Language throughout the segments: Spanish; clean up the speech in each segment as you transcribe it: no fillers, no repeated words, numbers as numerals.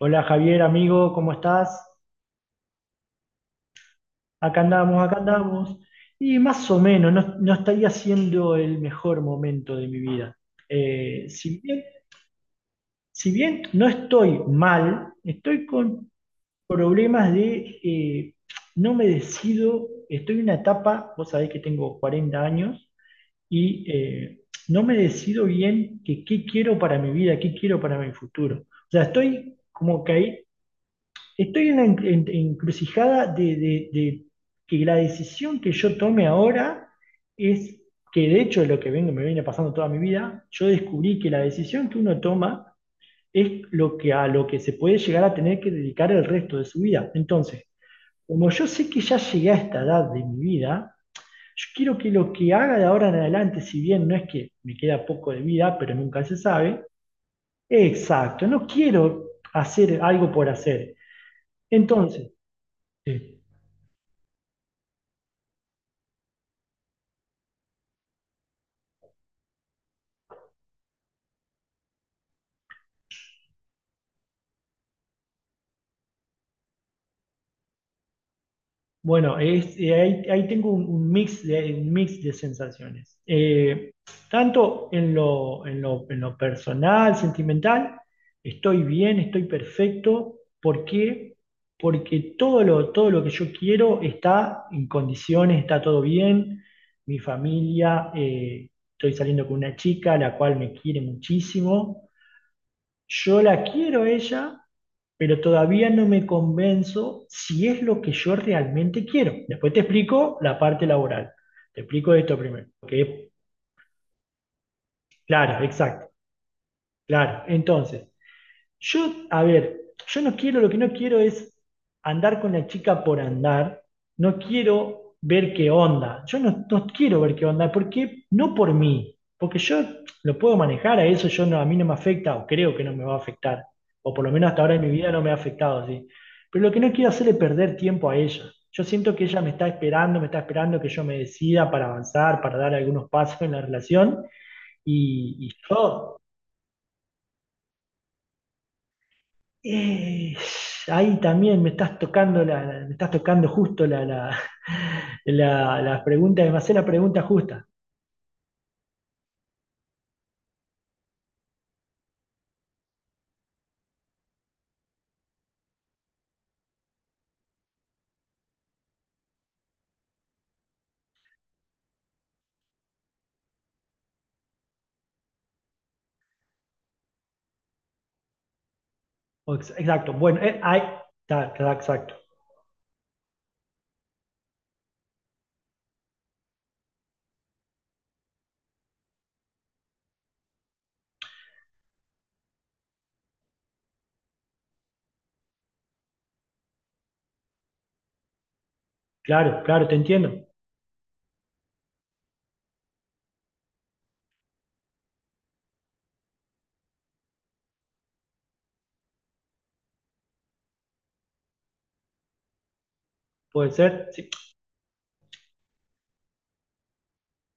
Hola Javier, amigo, ¿cómo estás? Acá andamos, acá andamos. Y más o menos, no, no estaría siendo el mejor momento de mi vida. Eh, si bien, si bien no estoy mal, estoy con problemas de. No me decido, estoy en una etapa, vos sabés que tengo 40 años, y eh, no me decido bien que qué quiero para mi vida, qué quiero para mi futuro. O sea, estoy como que ahí estoy en una encrucijada de que la decisión que yo tome ahora es, que de hecho es lo que me viene pasando toda mi vida. Yo descubrí que la decisión que uno toma es lo que, a lo que se puede llegar a tener que dedicar el resto de su vida. Entonces, como yo sé que ya llegué a esta edad de mi vida, yo quiero que lo que haga de ahora en adelante, si bien no es que me queda poco de vida, pero nunca se sabe, exacto, no quiero hacer algo por hacer. Entonces, sí. Bueno, ahí tengo un mix de un mix de sensaciones. Tanto en lo personal, sentimental, estoy bien, estoy perfecto. ¿Por qué? Porque todo lo que yo quiero está en condiciones, está todo bien. Mi familia, estoy saliendo con una chica, la cual me quiere muchísimo, yo la quiero a ella, pero todavía no me convenzo si es lo que yo realmente quiero. Después te explico la parte laboral. Te explico esto primero. Que es... Claro, exacto, claro. Entonces, yo, a ver, yo no quiero, lo que no quiero es andar con la chica por andar, no quiero ver qué onda, yo no, no quiero ver qué onda, porque no por mí, porque yo lo puedo manejar a eso, yo no, a mí no me afecta, o creo que no me va a afectar, o por lo menos hasta ahora en mi vida no me ha afectado, ¿sí? Pero lo que no quiero hacer es perder tiempo a ella. Yo siento que ella me está esperando que yo me decida para avanzar, para dar algunos pasos en la relación, y yo... Eh, Ahí también me estás tocando me estás tocando justo la pregunta, me hace la pregunta justa. O ex- Exacto, bueno, ahí exacto. Claro, claro, te entiendo. Puede ser, sí.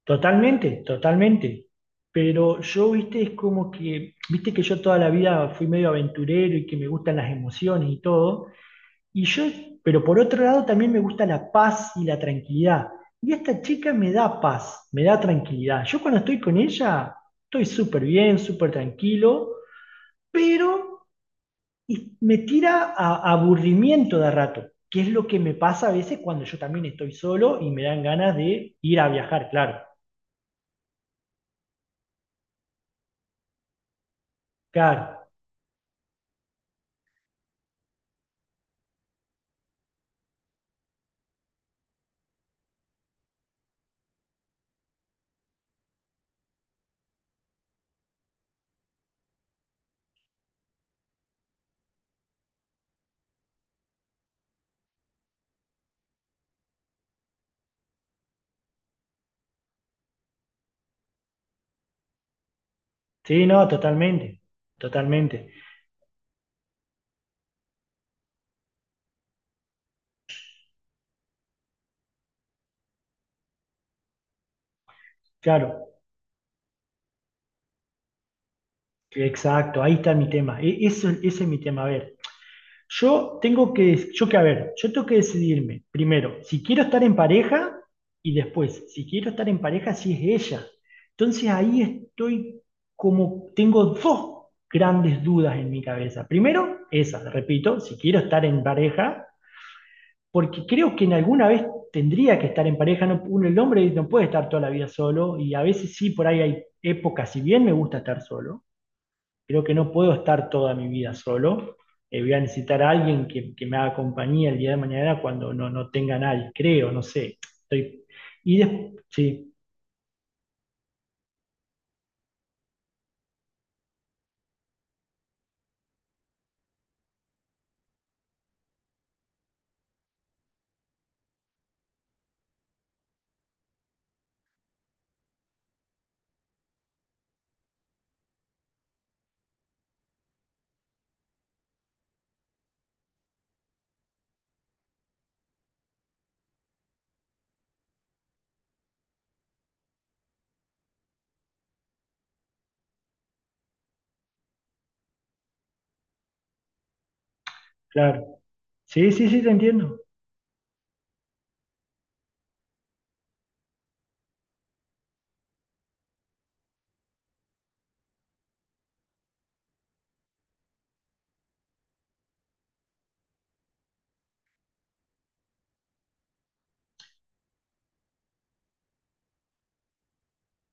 Totalmente, totalmente. Pero yo, viste, es como que, viste que yo toda la vida fui medio aventurero y que me gustan las emociones y todo. Y yo, pero por otro lado también me gusta la paz y la tranquilidad. Y esta chica me da paz, me da tranquilidad. Yo cuando estoy con ella, estoy súper bien, súper tranquilo, pero y- me tira a aburrimiento de rato, que es lo que me pasa a veces cuando yo también estoy solo y me dan ganas de ir a viajar, claro. Claro. Sí, no, totalmente. Totalmente. Claro. Exacto, ahí está mi tema. E- Eso, ese es mi tema. A ver. Yo tengo que, yo que, a ver, yo tengo que decidirme primero si quiero estar en pareja, y después si quiero estar en pareja si es ella. Entonces ahí estoy como, tengo dos grandes dudas en mi cabeza. Primero, esa, repito, si quiero estar en pareja, porque creo que en alguna vez tendría que estar en pareja, no, uno, el hombre no puede estar toda la vida solo y a veces sí, por ahí hay épocas, si bien me gusta estar solo, creo que no puedo estar toda mi vida solo. Voy a necesitar a alguien que me haga compañía el día de mañana cuando no, no tenga nadie, creo, no sé. Estoy... Y des- sí, claro. Sí, sí, sí, te entiendo.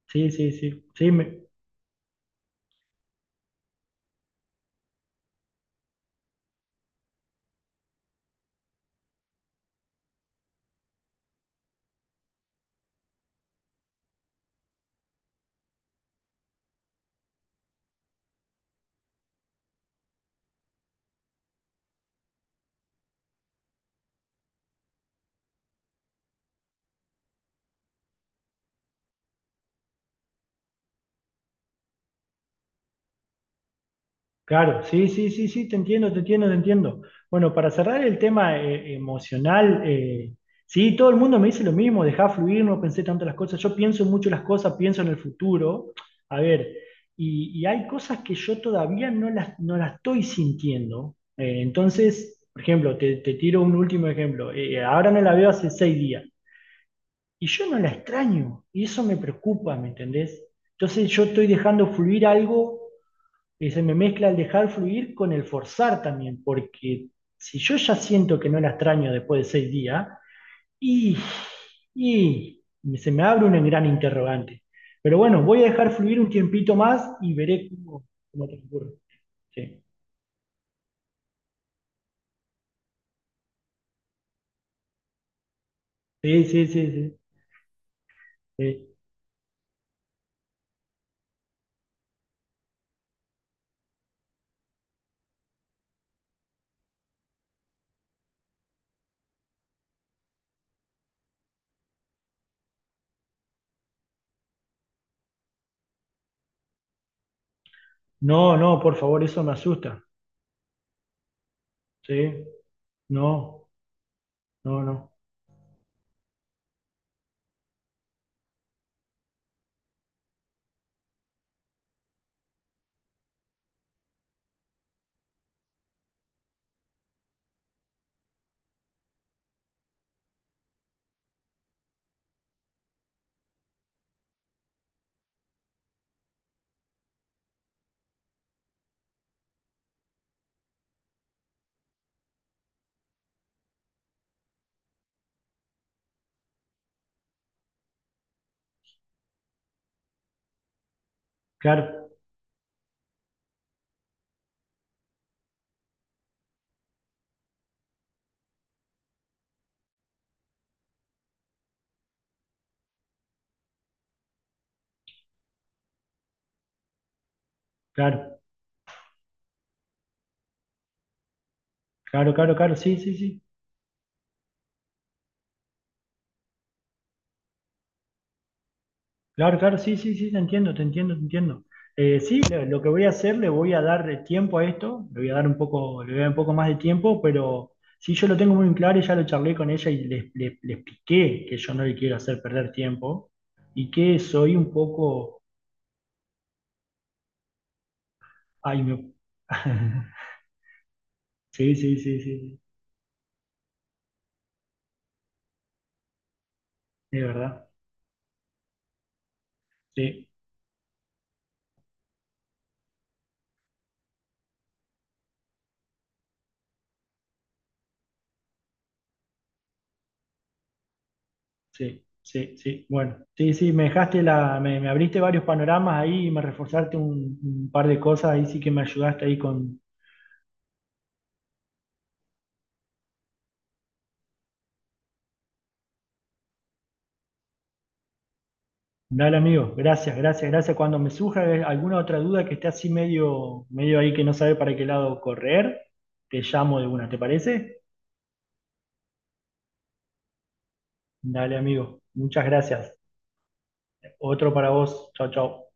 Sí, sí, sí. Sí, me... Claro, sí, sí, sí, sí, te entiendo, te entiendo, te entiendo. Bueno, para cerrar el tema emocional, sí, todo el mundo me dice lo mismo, dejá fluir, no pensé tanto las cosas. Yo pienso mucho las cosas, pienso en el futuro. A ver, y hay cosas que yo todavía no las estoy sintiendo. Entonces, por ejemplo, te tiro un último ejemplo. Ahora no la veo hace 6 días y yo no la extraño y eso me preocupa, ¿me entendés? Entonces yo estoy dejando fluir algo y se me mezcla el dejar fluir con el forzar también, porque si yo ya siento que no la extraño después de 6 días, y, y se me abre un gran interrogante. Pero bueno, voy a dejar fluir un tiempito más y veré cómo, cómo transcurre. Sí. Sí, sí, sí, sí, sí. No, no, por favor, eso me asusta. Sí, no, no, no. Claro, claro, claro, claro, claro, sí, sí, sí. Claro, claro, sí, sí, sí, te entiendo, te entiendo, te entiendo. Sí, lo que voy a hacer, le voy a dar tiempo a esto, le voy a dar un poco, le voy a dar un poco más de tiempo, pero sí, yo lo tengo muy en claro y ya lo charlé con ella y le expliqué que yo no le quiero hacer perder tiempo y que soy un poco... Ay, me... Sí, sí, sí, sí, sí, es verdad. Sí, sí, sí, sí. Bueno, sí, sí, me dejaste la, me abriste varios panoramas ahí y me reforzaste un par de cosas, ahí sí que me ayudaste ahí con... Dale, amigo. Gracias, gracias, gracias. Cuando me surja alguna otra duda que esté así medio, medio ahí que no sabe para qué lado correr, te llamo de una, ¿te parece? Dale, amigo. Muchas gracias. Otro para vos. Chao, chao.